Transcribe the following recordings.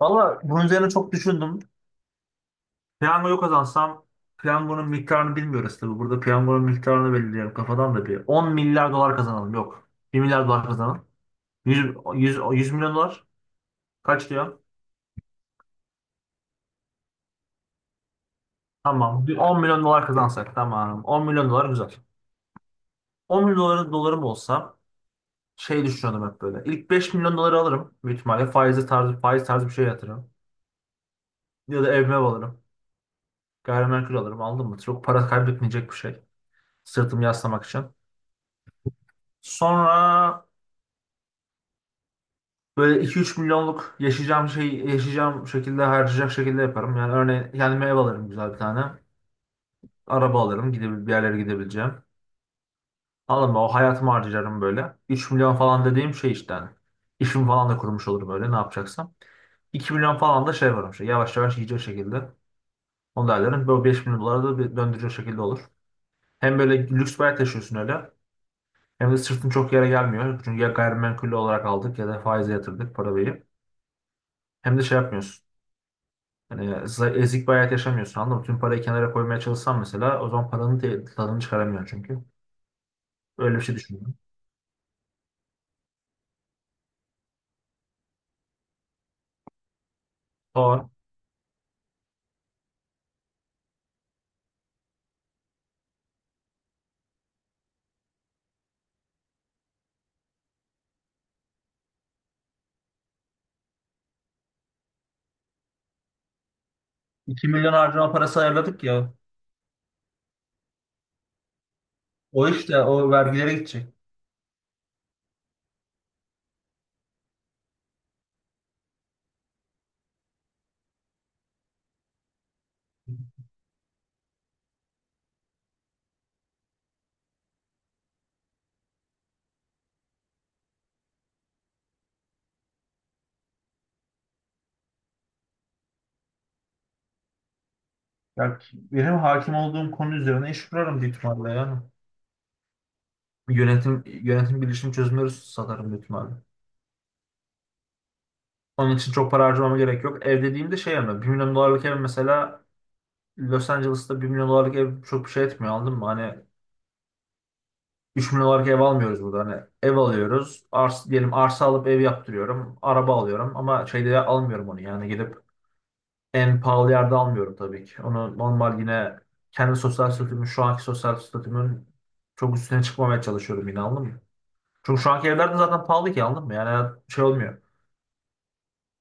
Valla bunun üzerine çok düşündüm. Piyangoyu kazansam piyangonun miktarını bilmiyoruz tabii. Burada piyangonun miktarını belirleyelim kafadan da bir. 10 milyar dolar kazanalım. Yok, bir milyar dolar kazanalım. 100, 100, 100 milyon dolar kaç diyor? Tamam. Bir 10 milyon dolar kazansak tamam. 10 milyon dolar güzel. 10 milyon dolar, dolarım olsa şey düşünüyordum hep böyle. İlk 5 milyon doları alırım. Büyük ihtimalle faiz tarzı bir şey yatırırım. Ya da evime alırım. Gayrimenkul alırım. Aldım mı? Çok para kaybetmeyecek bir şey. Sırtımı yaslamak için. Sonra böyle iki üç milyonluk yaşayacağım şey yaşayacağım şekilde harcayacak şekilde yaparım. Yani örneğin kendime ev alırım güzel bir tane. Araba alırım bir yerlere gidebileceğim. Alırım, o hayatımı harcarım böyle. 3 milyon falan dediğim şey işte hani. İşimi falan da kurmuş olurum öyle ne yapacaksam. İki milyon falan da şey yaparım şey yavaş yavaş yiyecek şekilde. Onu da ederim. Böyle 5 milyon dolara da bir döndürecek şekilde olur. Hem böyle lüks bir hayat yaşıyorsun öyle. Hem de sırtın çok yere gelmiyor. Çünkü ya gayrimenkul olarak aldık ya da faize yatırdık parayı. Hem de şey yapmıyorsun. Hani ezik bir hayat yaşamıyorsun anladın mı? Tüm parayı kenara koymaya çalışsan mesela o zaman paranın tadını çıkaramıyorsun çünkü. Öyle bir şey düşünüyorum. Doğru. 2 milyon harcama parası ayarladık ya. O işte o vergilere gidecek. Ya benim hakim olduğum konu üzerine iş kurarım büyük ihtimalle yani. Yönetim bilişim çözümleri satarım büyük ihtimalle. Onun için çok para harcamama gerek yok. Ev dediğimde şey yani, bir milyon dolarlık ev mesela, Los Angeles'ta bir milyon dolarlık ev çok bir şey etmiyor anladın mı? Hani üç milyon olarak ev almıyoruz burada. Hani ev alıyoruz. Diyelim arsa alıp ev yaptırıyorum. Araba alıyorum ama şeyde almıyorum onu. Yani gidip en pahalı yerde almıyorum tabii ki. Onu normal yine şu anki sosyal statümün çok üstüne çıkmamaya çalışıyorum yine anladın mı? Çünkü şu anki evler de zaten pahalı ki anladın mı? Yani şey olmuyor.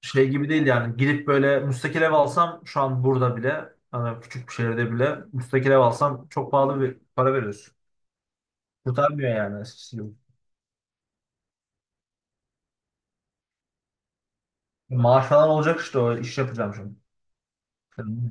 Şey gibi değil yani gidip böyle müstakil ev alsam şu an burada bile hani küçük bir şehirde bile müstakil ev alsam çok pahalı bir para veriyorsun. Kurtarmıyor yani, eskisi gibi. Maaş falan olacak işte o iş yapacağım şimdi. Hı.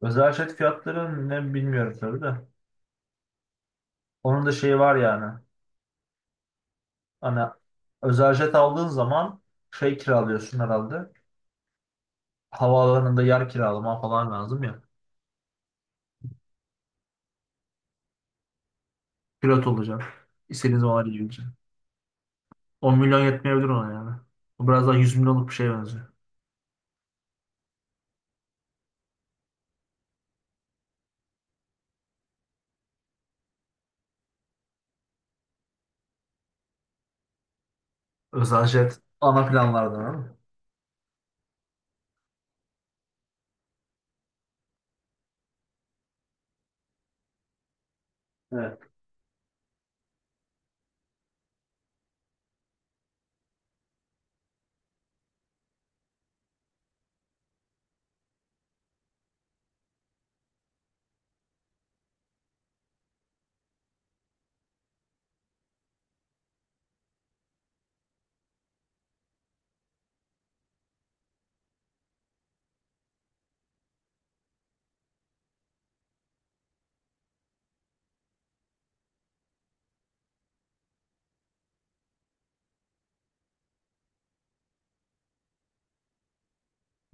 Özel jet fiyatları ne bilmiyorum tabii de. Onun da şeyi var yani. Hani özel jet aldığın zaman şey kiralıyorsun herhalde. Havaalanında yer kiralama falan lazım ya. Pilot olacaksın. İstediğin zaman gideceksin. 10 milyon yetmeyebilir ona yani. Bu biraz daha 100 milyonluk bir şeye benziyor. Özel jet ana planlardan ama. Evet,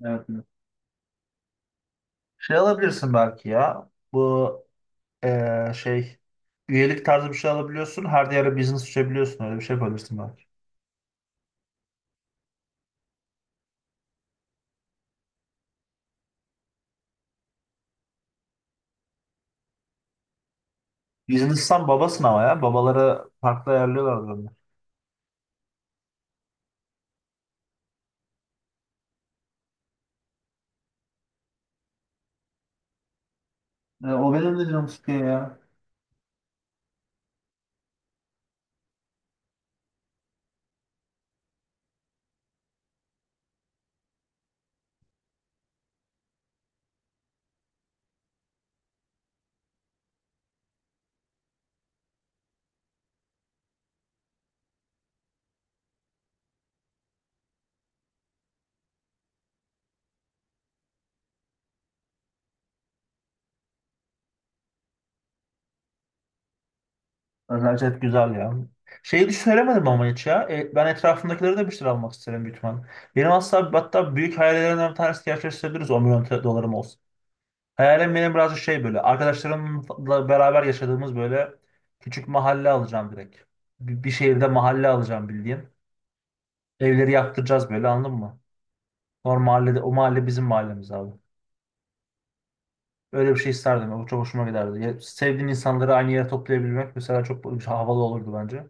evet, evet. Şey alabilirsin belki ya. Bu şey üyelik tarzı bir şey alabiliyorsun. Her yere business açabiliyorsun. Öyle bir şey yapabilirsin belki. Business'tan babasın ama ya. Babalara farklı ayarlıyorlar bunu. O benim de canım sıkıyor ya. Özellikle güzel ya. Şeyi hiç söylemedim ama hiç ya. Ben etrafımdakileri de bir şeyler almak isterim büyük ihtimalle. Benim aslında hatta büyük hayallerimden bir tanesi gerçekleştirebiliriz 10 milyon dolarım olsun. Hayalim benim biraz şey böyle. Arkadaşlarımla beraber yaşadığımız böyle küçük mahalle alacağım direkt. Bir şehirde mahalle alacağım bildiğin. Evleri yaktıracağız böyle anladın mı? Normal mahallede, o mahalle bizim mahallemiz abi. Öyle bir şey isterdim. O çok hoşuma giderdi. Ya, sevdiğin insanları aynı yere toplayabilmek mesela çok havalı olurdu bence.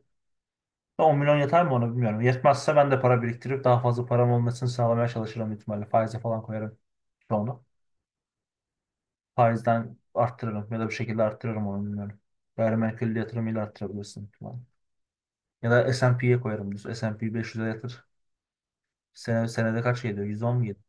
10 milyon yeter mi ona bilmiyorum. Yetmezse ben de para biriktirip daha fazla param olmasını sağlamaya çalışırım büyük ihtimalle. Faize falan koyarım onu. Faizden arttırırım ya da bir şekilde arttırırım onu bilmiyorum. Gayrimenkul yatırımıyla arttırabilirsin falan. Ya da S&P'ye koyarım, düz S&P 500'e yatır. Senede kaç geliyor? 110 mu geliyor?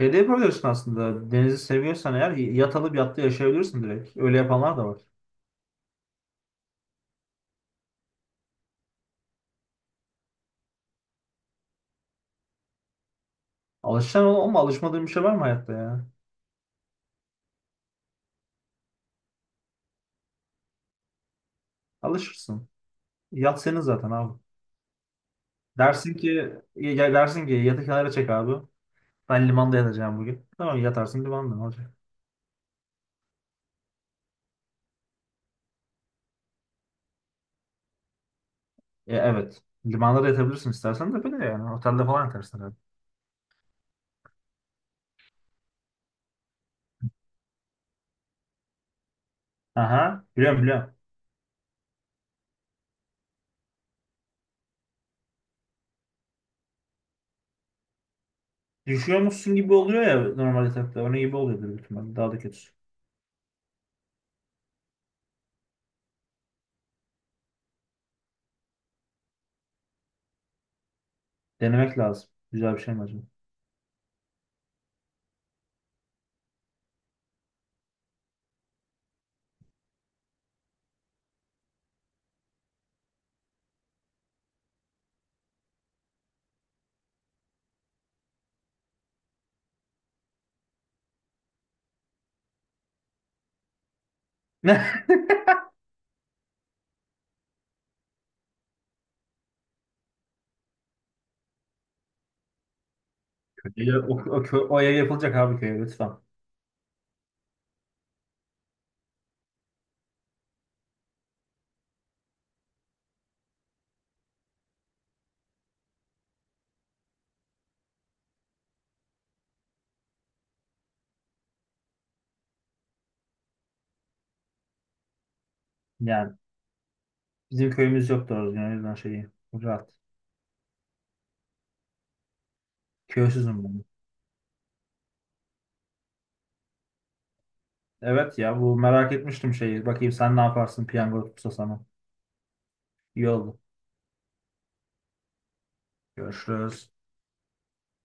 Şey de yapabilirsin aslında. Denizi seviyorsan eğer yat alıp yatta yaşayabilirsin direkt. Öyle yapanlar da var. Alışacaksın oğlum ama alışmadığın bir şey var mı hayatta ya? Alışırsın. Yat senin zaten abi. Dersin ki dersin ki yatı kenara çek abi. Ben limanda yatacağım bugün. Tamam yatarsın limanda ne olacak? Evet. Limanda da yatabilirsin istersen de böyle yani. Otelde falan yatarsın herhalde. Aha, biliyorum biliyorum. Düşüyormuşsun gibi oluyor ya normal yatakta. Onun gibi oluyordur büyük ihtimalle. Daha da kötüsü. Denemek lazım. Güzel bir şey mi acaba? Ya, o ev yapılacak abi köye lütfen. Yani bizim köyümüz yok doğru düzgün, o yüzden şeyi rahat. Köysüzüm ben. Evet ya bu merak etmiştim şeyi. Bakayım sen ne yaparsın piyango tutsa sana. İyi oldu. Görüşürüz.